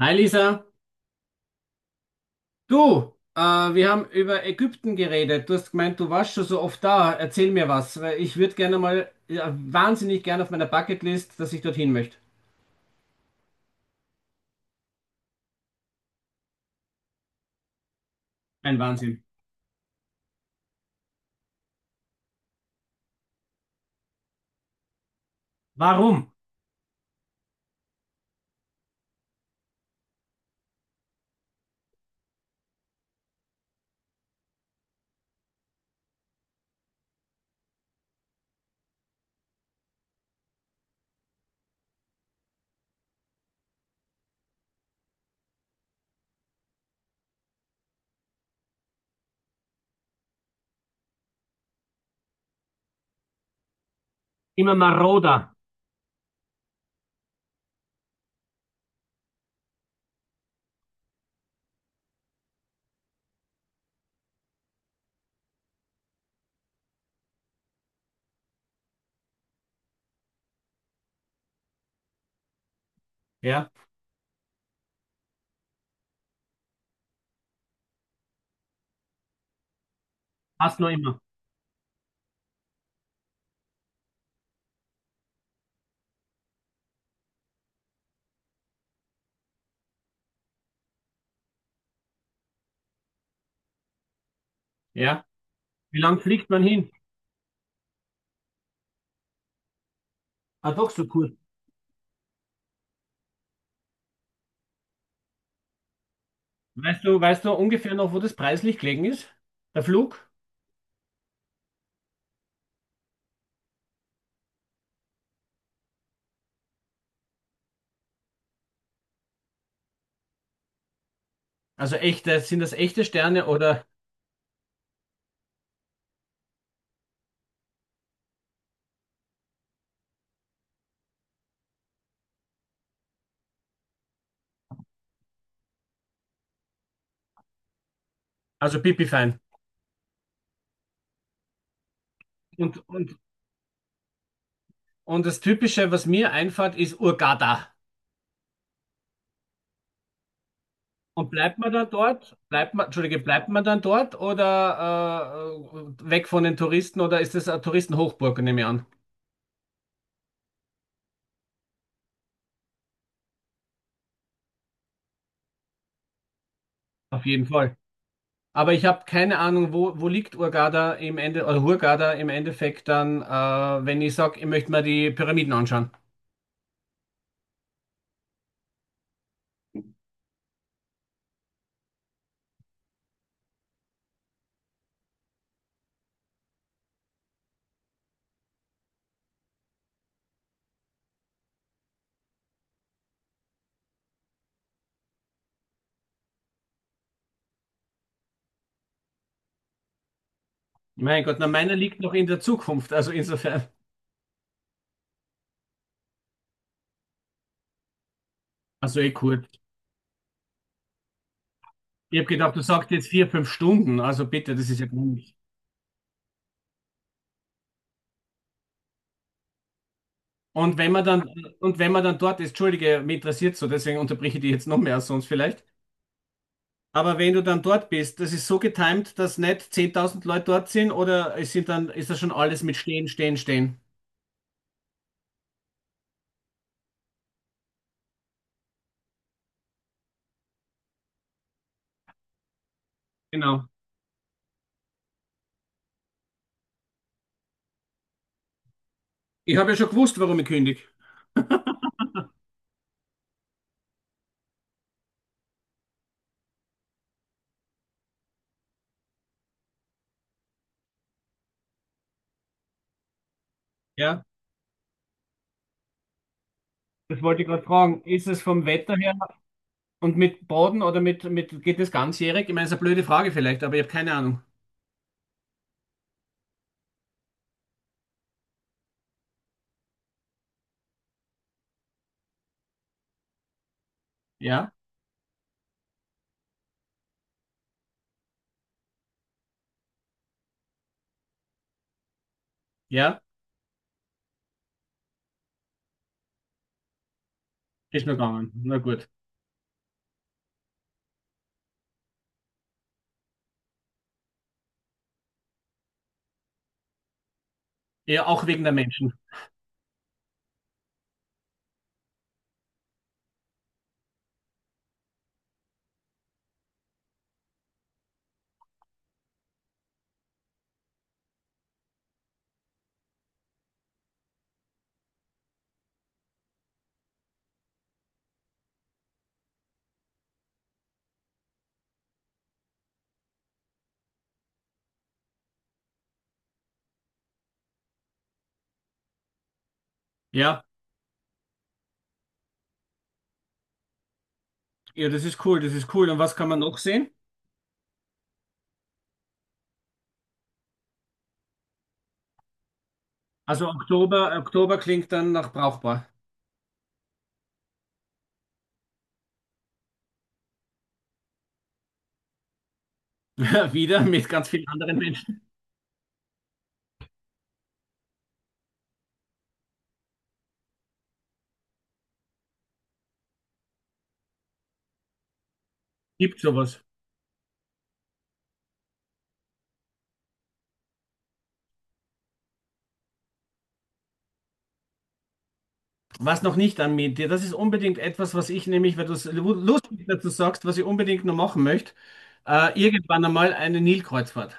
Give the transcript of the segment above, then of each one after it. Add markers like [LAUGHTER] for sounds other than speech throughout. Hi Lisa, du, wir haben über Ägypten geredet. Du hast gemeint, du warst schon so oft da. Erzähl mir was, weil ich würde gerne mal, ja, wahnsinnig gerne auf meiner Bucketlist, dass ich dorthin möchte. Ein Wahnsinn. Warum? Immer maroder. Ja, passt noch immer. Ja. Wie lang fliegt man hin? Ah, doch so kurz. Weißt du ungefähr noch, wo das preislich gelegen ist? Der Flug? Also echte, sind das echte Sterne oder, also pipi fein. Und, und, und das Typische, was mir einfällt, ist Hurghada. Und bleibt man dann dort? Bleibt man, Entschuldige, bleibt man dann dort oder weg von den Touristen oder ist es eine Touristenhochburg, nehme ich an? Auf jeden Fall. Aber ich habe keine Ahnung, wo, wo liegt Hurghada im Ende oder Hurghada im Endeffekt dann, wenn ich sage, ich möchte mir die Pyramiden anschauen. Mein Gott, na meiner liegt noch in der Zukunft, also insofern. Also eh cool. Ich habe gedacht, du sagst jetzt vier, fünf Stunden, also bitte, das ist ja gar nicht. Und wenn man dann, und wenn man dann dort ist, Entschuldige, mich interessiert so, deswegen unterbreche ich dich jetzt noch mehr als sonst vielleicht. Aber wenn du dann dort bist, das ist so getimt, dass nicht 10.000 Leute dort sind oder es sind dann, ist das schon alles mit Stehen, Stehen, Stehen. Genau. Ich habe ja schon gewusst, warum ich kündige. Ja, das wollte ich gerade fragen. Ist es vom Wetter her und mit Boden oder mit, geht das ganzjährig? Ich meine, es ist eine blöde Frage vielleicht, aber ich habe keine Ahnung. Ja, ja, ist nur gegangen. Na gut. Ja, auch wegen der Menschen. Ja, ja, das ist cool, das ist cool. Und was kann man noch sehen? Also Oktober, Oktober klingt dann nach brauchbar. [LAUGHS] Wieder mit ganz vielen anderen Menschen. Gibt sowas. Was noch nicht an mir, das ist unbedingt etwas, was ich nämlich, weil du es lustig dazu sagst, was ich unbedingt noch machen möchte, irgendwann einmal eine Nilkreuzfahrt.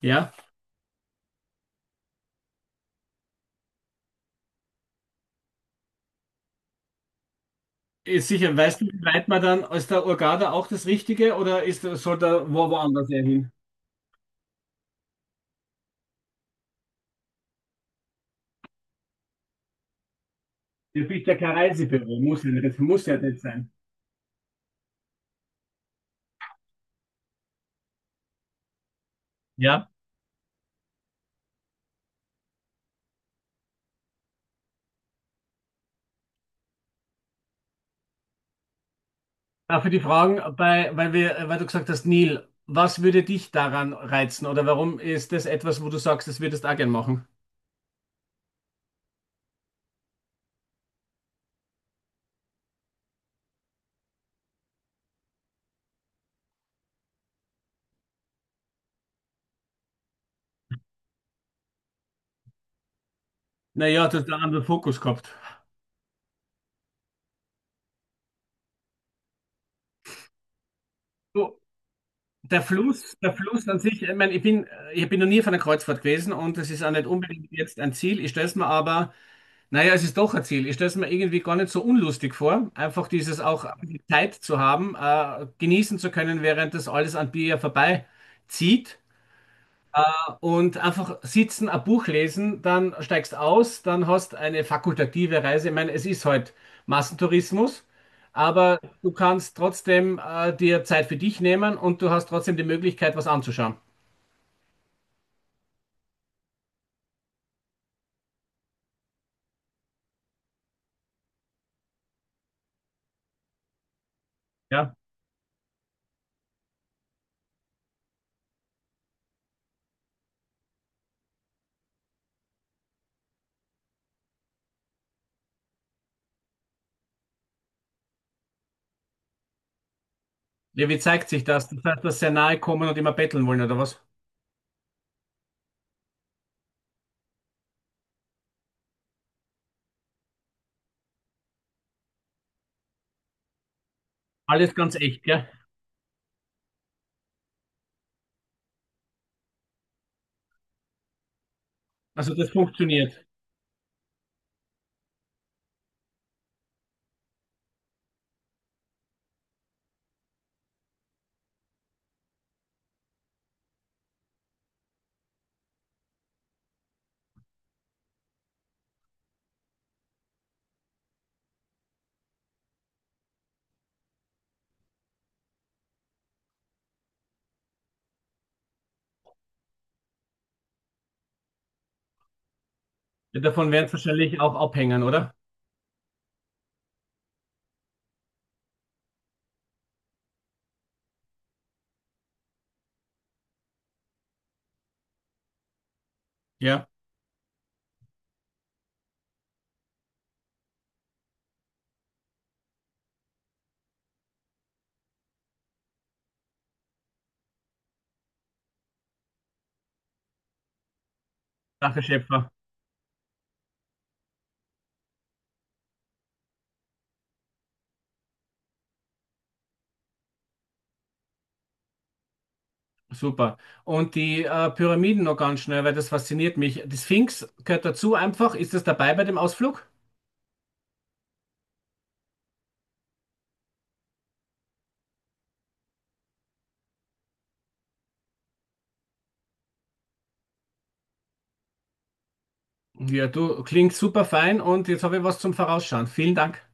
Ja, ist sicher. Weißt du, wie weit man dann, ist der Hurghada auch das Richtige oder ist, soll da wo, woanders eher hin? Du bist ja kein Reisebüro, muss ja nicht sein. Ja. Für die Fragen, bei, weil wir, weil du gesagt hast, Nil, was würde dich daran reizen oder warum ist das etwas, wo du sagst, das würdest du auch gern machen? Naja, du hast einen anderen Fokus gehabt. Du, der Fluss, der Fluss an sich, ich meine, ich bin noch nie auf einer Kreuzfahrt gewesen und es ist auch nicht unbedingt jetzt ein Ziel. Ich stelle es mir aber, naja, es ist doch ein Ziel. Ich stelle es mir irgendwie gar nicht so unlustig vor, einfach dieses auch Zeit zu haben, genießen zu können, während das alles an dir ja vorbeizieht und einfach sitzen, ein Buch lesen, dann steigst aus, dann hast eine fakultative Reise. Ich meine, es ist halt Massentourismus, aber du kannst trotzdem dir Zeit für dich nehmen und du hast trotzdem die Möglichkeit, was anzuschauen. Ja. Ja, wie zeigt sich das? Das heißt, dass sehr nahe kommen und immer betteln wollen oder was? Alles ganz echt, gell? Also das funktioniert. Davon werden wahrscheinlich auch abhängen, oder? Ja. Sache, Schäpfer. Super. Und die Pyramiden noch ganz schnell, weil das fasziniert mich. Die Sphinx gehört dazu einfach. Ist das dabei bei dem Ausflug? Ja, du klingst super fein und jetzt habe ich was zum Vorausschauen. Vielen Dank.